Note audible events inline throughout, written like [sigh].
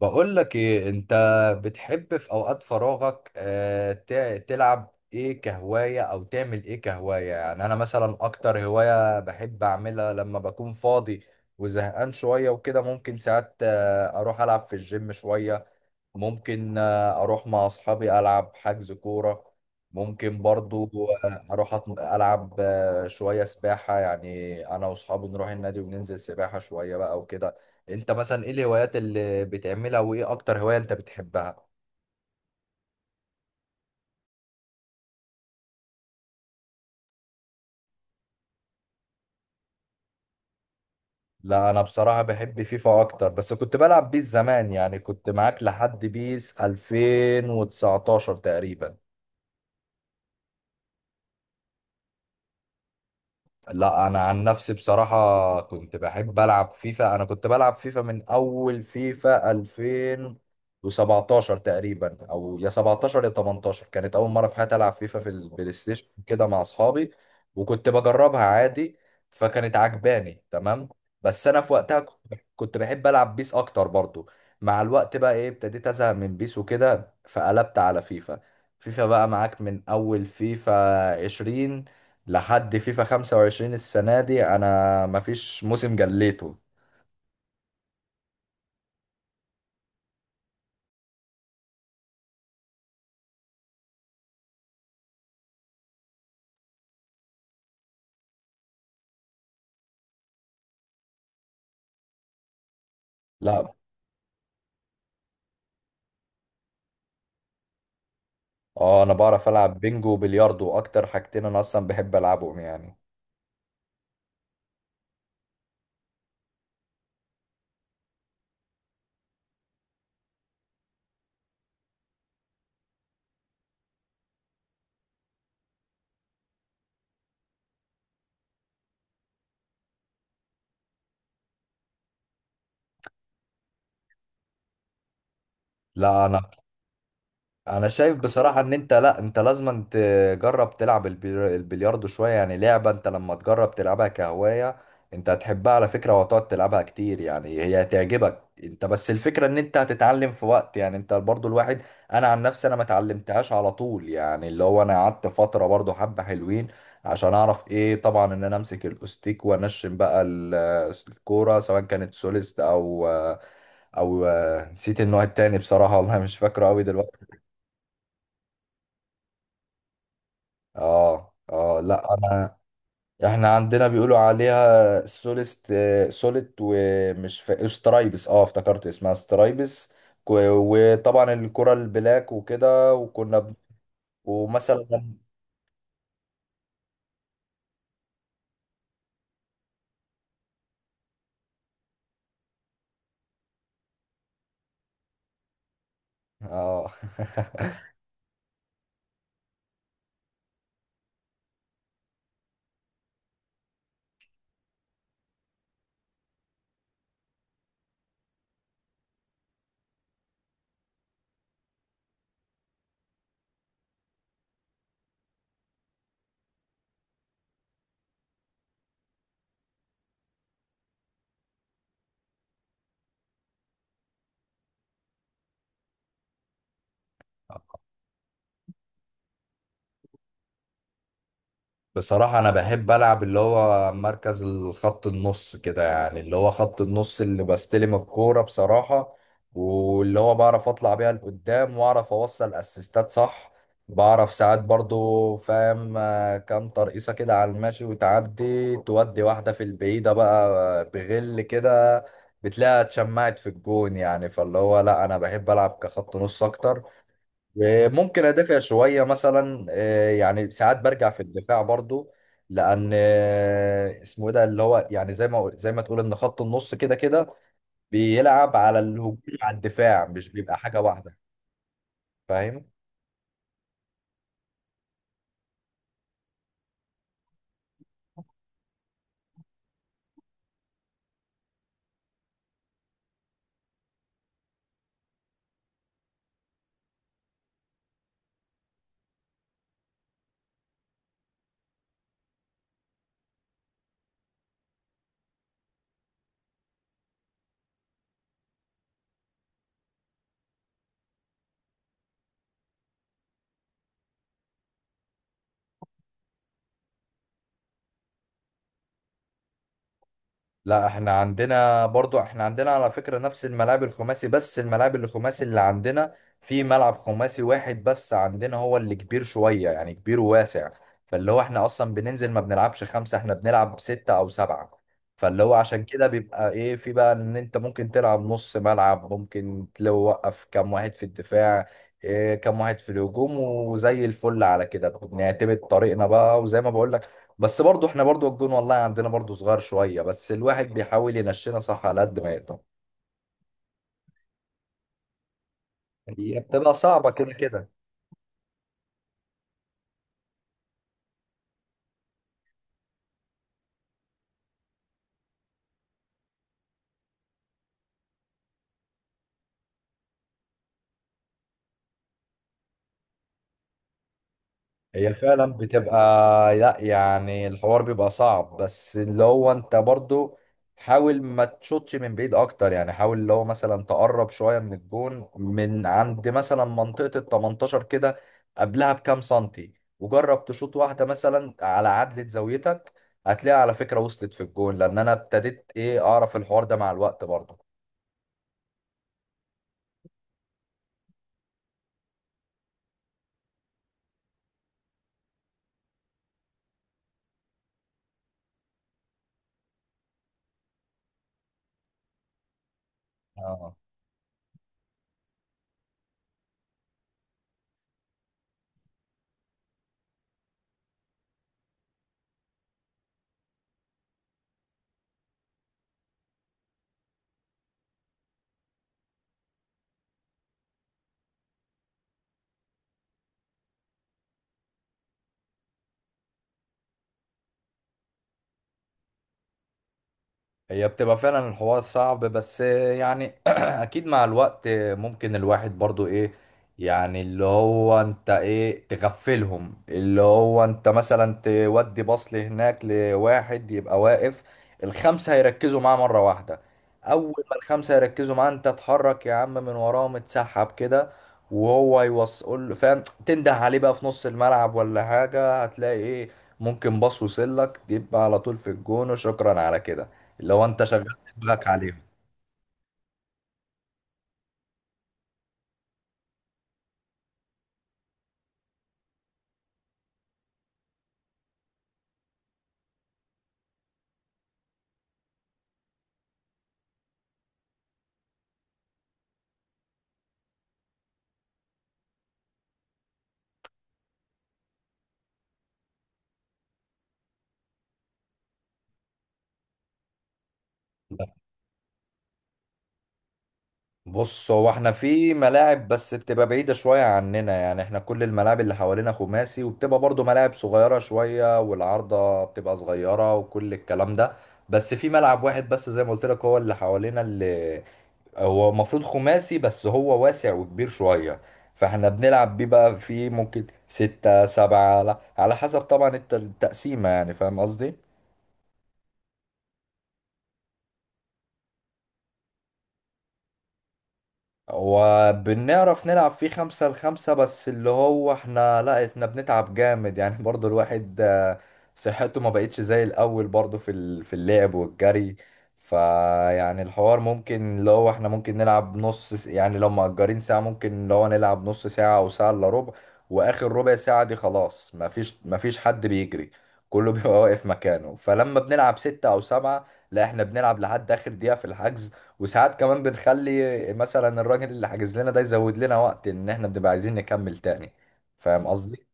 بقول لك ايه انت بتحب في اوقات فراغك تلعب ايه كهواية او تعمل ايه كهواية؟ يعني انا مثلا اكتر هواية بحب اعملها لما بكون فاضي وزهقان شوية وكده ممكن ساعات اروح العب في الجيم شوية. ممكن اروح مع اصحابي العب حجز كوره. ممكن برضو العب شويه سباحه، يعني انا واصحابي نروح النادي وننزل سباحه شويه بقى وكده. انت مثلا ايه الهوايات اللي بتعملها، وايه اكتر هوايه انت بتحبها؟ لا انا بصراحه بحب فيفا اكتر، بس كنت بلعب بيس زمان، يعني كنت معاك لحد بيس 2019 تقريبا. لا انا عن نفسي بصراحة كنت بحب العب فيفا، انا كنت بلعب فيفا من اول فيفا 2017 تقريبا، او يا 17 يا 18 كانت اول مرة في حياتي العب فيفا في البلاي ستيشن كده مع اصحابي. وكنت بجربها عادي، فكانت عجباني تمام. بس انا في وقتها كنت بحب العب بيس اكتر برضو. مع الوقت بقى ايه ابتديت ازهق من بيس وكده فقلبت على فيفا. فيفا بقى معاك من اول فيفا 20 لحد فيفا 25، السنة دي أنا مفيش موسم جليته. لا، اه، أنا بعرف ألعب بينجو وبلياردو، أكتر حاجتين أنا أصلا بحب ألعبهم يعني. لا أنا شايف بصراحة ان انت لا انت لازم تجرب تلعب البلياردو شوية، يعني لعبة انت لما تجرب تلعبها كهواية انت هتحبها على فكرة، وهتقعد تلعبها كتير، يعني هي هتعجبك انت، بس الفكرة ان انت هتتعلم في وقت، يعني انت برضو الواحد. انا عن نفسي ما اتعلمتهاش على طول، يعني اللي هو انا قعدت فترة برضو حبة حلوين عشان اعرف ايه، طبعا ان انا امسك الاوستيك وانشن بقى الكورة، سواء كانت سوليست او نسيت النوع التاني بصراحة، والله مش فاكره قوي دلوقتي. اه، اه، لا انا احنا عندنا بيقولوا عليها سوليست، سوليت، ومش سترايبس، اه افتكرت اسمها سترايبس. وطبعا الكرة البلاك وكده، وكنا ومثلا اه. [laughs] بصراحة أنا بحب ألعب اللي هو مركز الخط النص كده، يعني اللي هو خط النص اللي بستلم الكورة بصراحة، واللي هو بعرف أطلع بيها لقدام، وأعرف أوصل أسيستات صح. بعرف ساعات برضو فاهم كام ترقيصة كده على الماشي، وتعدي تودي واحدة في البعيدة بقى، بغل كده، بتلاقيها اتشمعت في الجون يعني. فاللي هو لأ، أنا بحب ألعب كخط نص أكتر. ممكن ادافع شويه مثلا يعني ساعات برجع في الدفاع برضو، لان اسمه ايه ده اللي هو، يعني زي ما تقول ان خط النص كده كده بيلعب على الهجوم على الدفاع، مش بيبقى حاجه واحده. فاهم. لا احنا عندنا على فكرة نفس الملاعب الخماسي، بس الملاعب الخماسي اللي عندنا، في ملعب خماسي واحد بس عندنا هو اللي كبير شوية، يعني كبير وواسع. فاللي هو احنا اصلا بننزل ما بنلعبش خمسة، احنا بنلعب ستة او سبعة. فاللي هو عشان كده بيبقى ايه في بقى، ان انت ممكن تلعب نص ملعب، ممكن توقف كام واحد في الدفاع، إيه كام واحد في الهجوم، وزي الفل على كده بنعتمد طريقنا بقى، وزي ما بقول. بس برضو احنا برضو الجون والله عندنا برضو صغير شوية، بس الواحد بيحاول ينشنا صح على قد ما يقدر. هي بتبقى صعبة كده كده. هي فعلا بتبقى لا يعني الحوار بيبقى صعب، بس اللي هو انت برضو حاول ما تشوطش من بعيد اكتر، يعني حاول اللي هو مثلا تقرب شوية من الجون، من عند مثلا منطقة ال 18 كده، قبلها بكام سنتي، وجرب تشوط واحدة مثلا على عدلة زاويتك. هتلاقيها على فكرة وصلت في الجون، لان انا ابتديت ايه اعرف الحوار ده مع الوقت برضو. هي بتبقى فعلا الحوار صعب، بس يعني [clears throat] اكيد مع الوقت ممكن الواحد برضو ايه، يعني اللي هو انت ايه تغفلهم، اللي هو انت مثلا تودي بصل هناك لواحد يبقى واقف، الخمسة هيركزوا معاه مرة واحدة، اول ما الخمسة يركزوا معاه انت اتحرك يا عم من وراه، متسحب كده، وهو يوصل فاهم تنده عليه بقى في نص الملعب ولا حاجة، هتلاقي ايه ممكن باص وصلك تبقى على طول في الجون، وشكرا على كده لو انت شغال دماغك عليهم. لا. بص هو احنا في ملاعب بس بتبقى بعيدة شوية عننا، يعني احنا كل الملاعب اللي حوالينا خماسي، وبتبقى برضو ملاعب صغيرة شوية، والعارضة بتبقى صغيرة وكل الكلام ده. بس في ملعب واحد بس زي ما قلت لك هو اللي حوالينا، اللي هو المفروض خماسي بس هو واسع وكبير شوية. فاحنا بنلعب بيه بقى، فيه ممكن ستة سبعة على على حسب طبعا التقسيمة، يعني فاهم قصدي؟ وبنعرف نلعب فيه خمسة لخمسة، بس اللي هو احنا لا احنا بنتعب جامد يعني [laughs] برضو الواحد صحته ما بقتش زي الأول برضو في في اللعب والجري. فيعني الحوار ممكن اللي هو احنا ممكن نلعب يعني لو مأجرين ساعة ممكن اللي هو نلعب نص ساعة أو ساعة إلا ربع، وآخر ربع ساعة دي خلاص مفيش مفيش حد بيجري، كله بيبقى واقف مكانه. فلما بنلعب ستة أو سبعة، لا احنا بنلعب لحد آخر دقيقة في الحجز، وساعات كمان بنخلي مثلا الراجل اللي حاجز لنا ده يزود لنا وقت، ان احنا بنبقى عايزين نكمل تاني. فاهم قصدي؟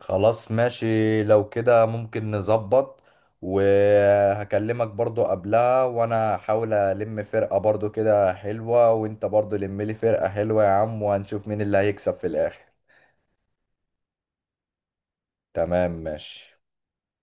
خلاص ماشي، لو كده ممكن نظبط، وهكلمك برضو قبلها، وانا هحاول الم فرقة برضو كده حلوة، وانت برضو لم لي فرقة حلوة يا عم، وهنشوف مين اللي هيكسب في الاخر. تمام ماشي.